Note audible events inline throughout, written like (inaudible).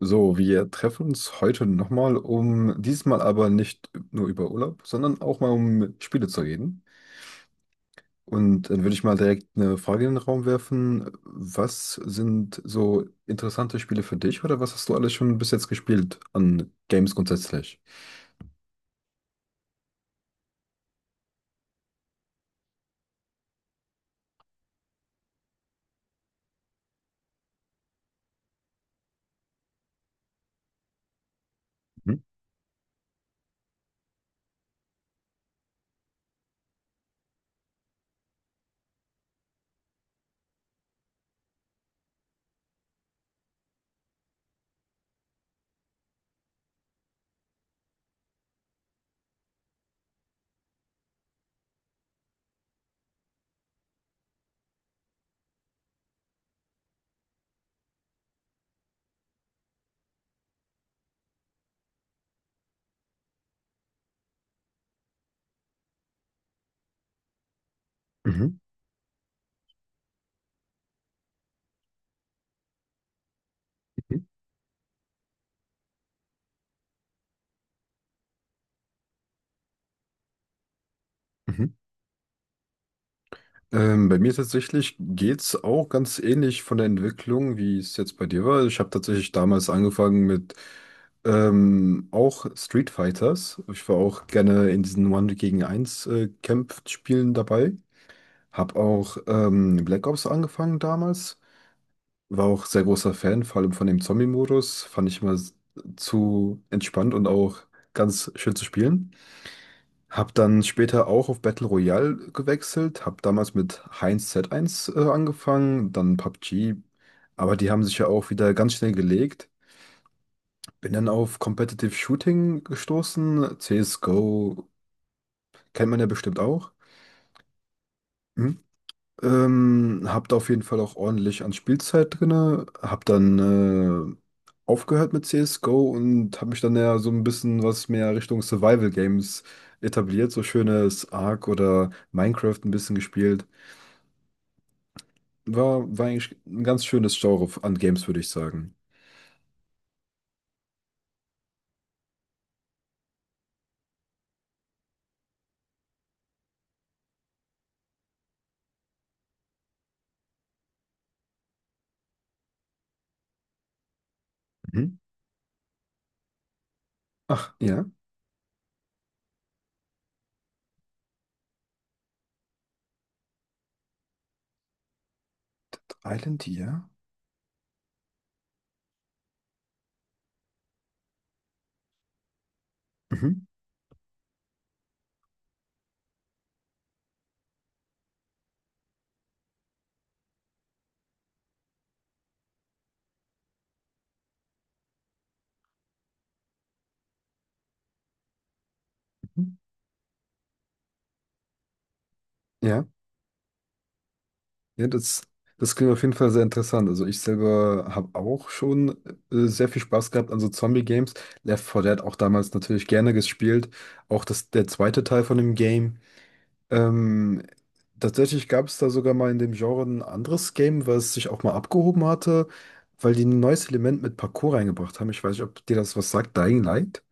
So, wir treffen uns heute nochmal, um diesmal aber nicht nur über Urlaub, sondern auch mal um Spiele zu reden. Und dann würde ich mal direkt eine Frage in den Raum werfen. Was sind so interessante Spiele für dich oder was hast du alles schon bis jetzt gespielt an Games grundsätzlich? Mhm. Mhm. Mhm. Bei mir tatsächlich geht's auch ganz ähnlich von der Entwicklung, wie es jetzt bei dir war. Ich habe tatsächlich damals angefangen mit auch Street Fighters. Ich war auch gerne in diesen One gegen Eins Kampfspielen dabei. Hab auch Black Ops angefangen damals. War auch sehr großer Fan, vor allem von dem Zombie-Modus. Fand ich immer s- Zu entspannt und auch ganz schön zu spielen. Hab dann später auch auf Battle Royale gewechselt, hab damals mit Heinz z eins angefangen, dann PUBG, aber die haben sich ja auch wieder ganz schnell gelegt. Bin dann auf Competitive Shooting gestoßen, CSGO kennt man ja bestimmt auch. Hm? Hab da auf jeden Fall auch ordentlich an Spielzeit drinne, hab dann äh, aufgehört mit CSGO und hab mich dann ja so ein bisschen was mehr Richtung Survival Games etabliert, so schönes Ark oder Minecraft ein bisschen gespielt. War eigentlich ein ganz schönes Genre an Games, würde ich sagen. Mhm. Ach, ja. Dead Island, ja. Mhm. Mhm. Ja, ja, das klingt auf jeden Fall sehr interessant. Also ich selber habe auch schon sehr viel Spaß gehabt an so Zombie-Games. Left 4 Dead auch damals natürlich gerne gespielt. Auch das, der zweite Teil von dem Game. Ähm, tatsächlich gab es da sogar mal in dem Genre ein anderes Game, was sich auch mal abgehoben hatte, weil die ein neues Element mit Parkour reingebracht haben. Ich weiß nicht, ob dir das was sagt, Dying Light.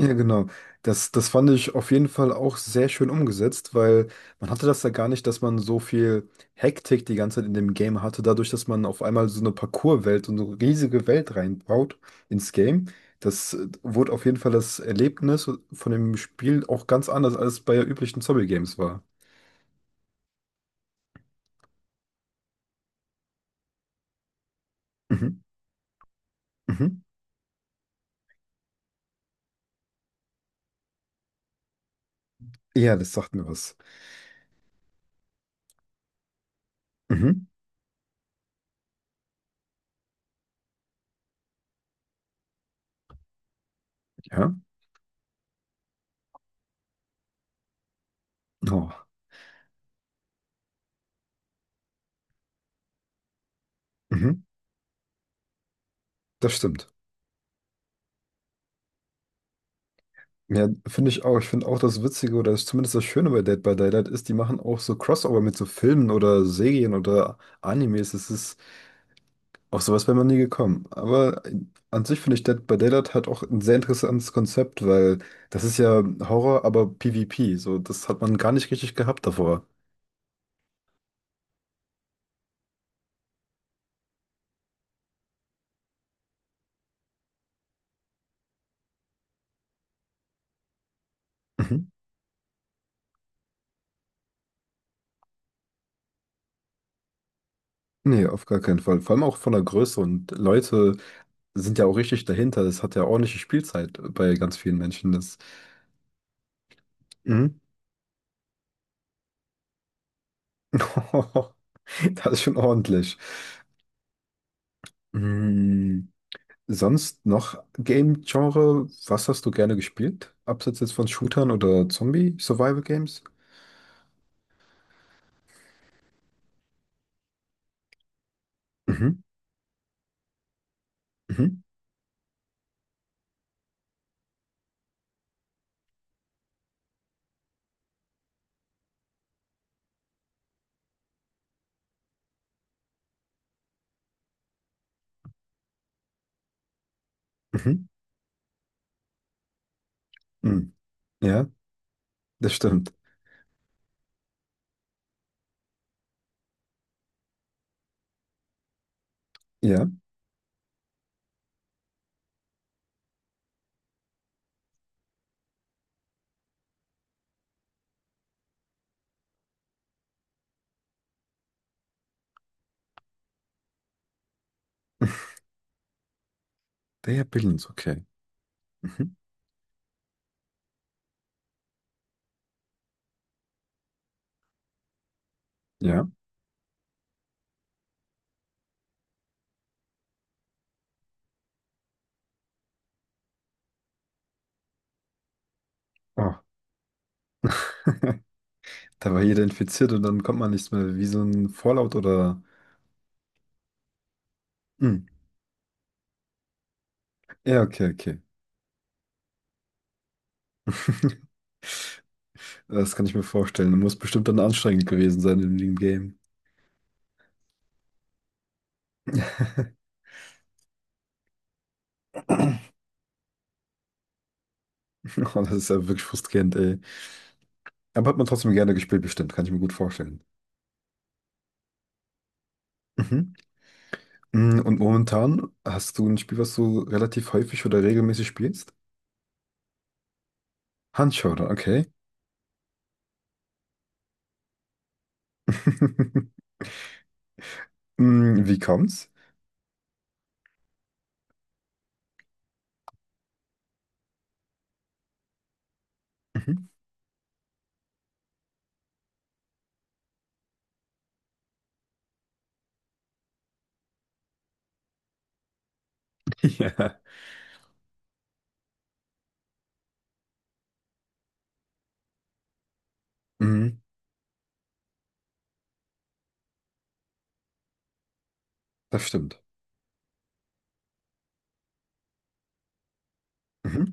Ja, genau. Das fand ich auf jeden Fall auch sehr schön umgesetzt, weil man hatte das ja gar nicht, dass man so viel Hektik die ganze Zeit in dem Game hatte, dadurch, dass man auf einmal so eine Parkour-Welt und so eine riesige Welt reinbaut ins Game. Das wurde auf jeden Fall das Erlebnis von dem Spiel auch ganz anders, als es bei üblichen Zombie-Games war. Mhm. Mhm. Ja, das sagt mir was. Mhm. Ja. Oh. Mhm. Das stimmt. Ja, finde ich auch. Ich finde auch das Witzige oder ist zumindest das Schöne bei Dead by Daylight ist, die machen auch so Crossover mit so Filmen oder Serien oder Animes. Es ist auch sowas wäre man nie gekommen. Aber an sich finde ich Dead by Daylight hat auch ein sehr interessantes Konzept, weil das ist ja Horror, aber PvP. So, das hat man gar nicht richtig gehabt davor. Mhm. Nee, auf gar keinen Fall. Vor allem auch von der Größe und Leute sind ja auch richtig dahinter. Das hat ja ordentliche Spielzeit bei ganz vielen Menschen. Das, mhm. (laughs) Das ist schon ordentlich. Hm, sonst noch Game-Genre? Was hast du gerne gespielt? Abseits jetzt von Shootern oder Zombie-Survival-Games? Mhm, mhm, mhm, mhm. Ja, das stimmt. Ja, (laughs) der Billions, okay. Mhm. Ja, oh. (laughs) Da war jeder infiziert und dann kommt man nichts mehr, wie so ein Fallout oder... Hm. Ja, okay, okay. (laughs) Das kann ich mir vorstellen. Muss bestimmt dann anstrengend gewesen sein in dem Game. (laughs) Oh, das ist ja wirklich frustrierend, ey. Aber hat man trotzdem gerne gespielt, bestimmt. Kann ich mir gut vorstellen. Mhm. Mm, und momentan hast du ein Spiel, was du relativ häufig oder regelmäßig spielst? Handschauder, okay. (laughs) Mm, wie kommt's? Mhm. (laughs) Ja. Mhm. Das stimmt. Mhm.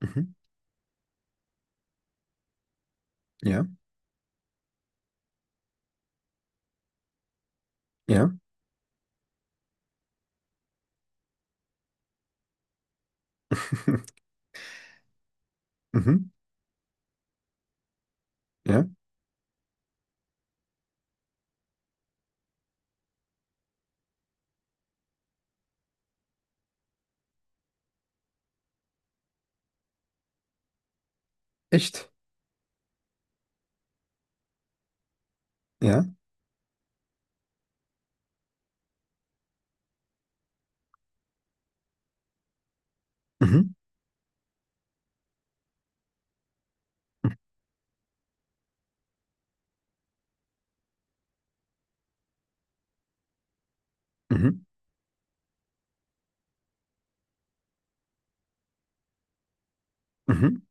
Mhm. Ja. Ja. (laughs) Mhm. Ja. Echt? Ja. Mhm. Mhm. Mhm.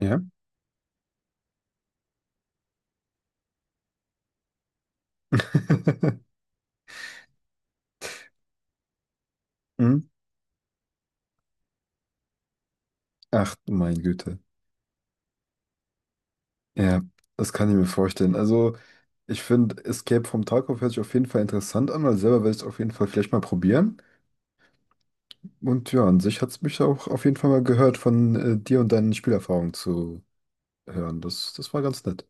Ja. (laughs) Mhm. Ach, du meine Güte. Ja, das kann ich mir vorstellen. Also, ich finde, Escape from Tarkov hört sich auf jeden Fall interessant an, weil selber werde ich es auf jeden Fall vielleicht mal probieren. Und ja, an sich hat es mich auch auf jeden Fall mal gehört, von dir und deinen Spielerfahrungen zu hören. Das war ganz nett.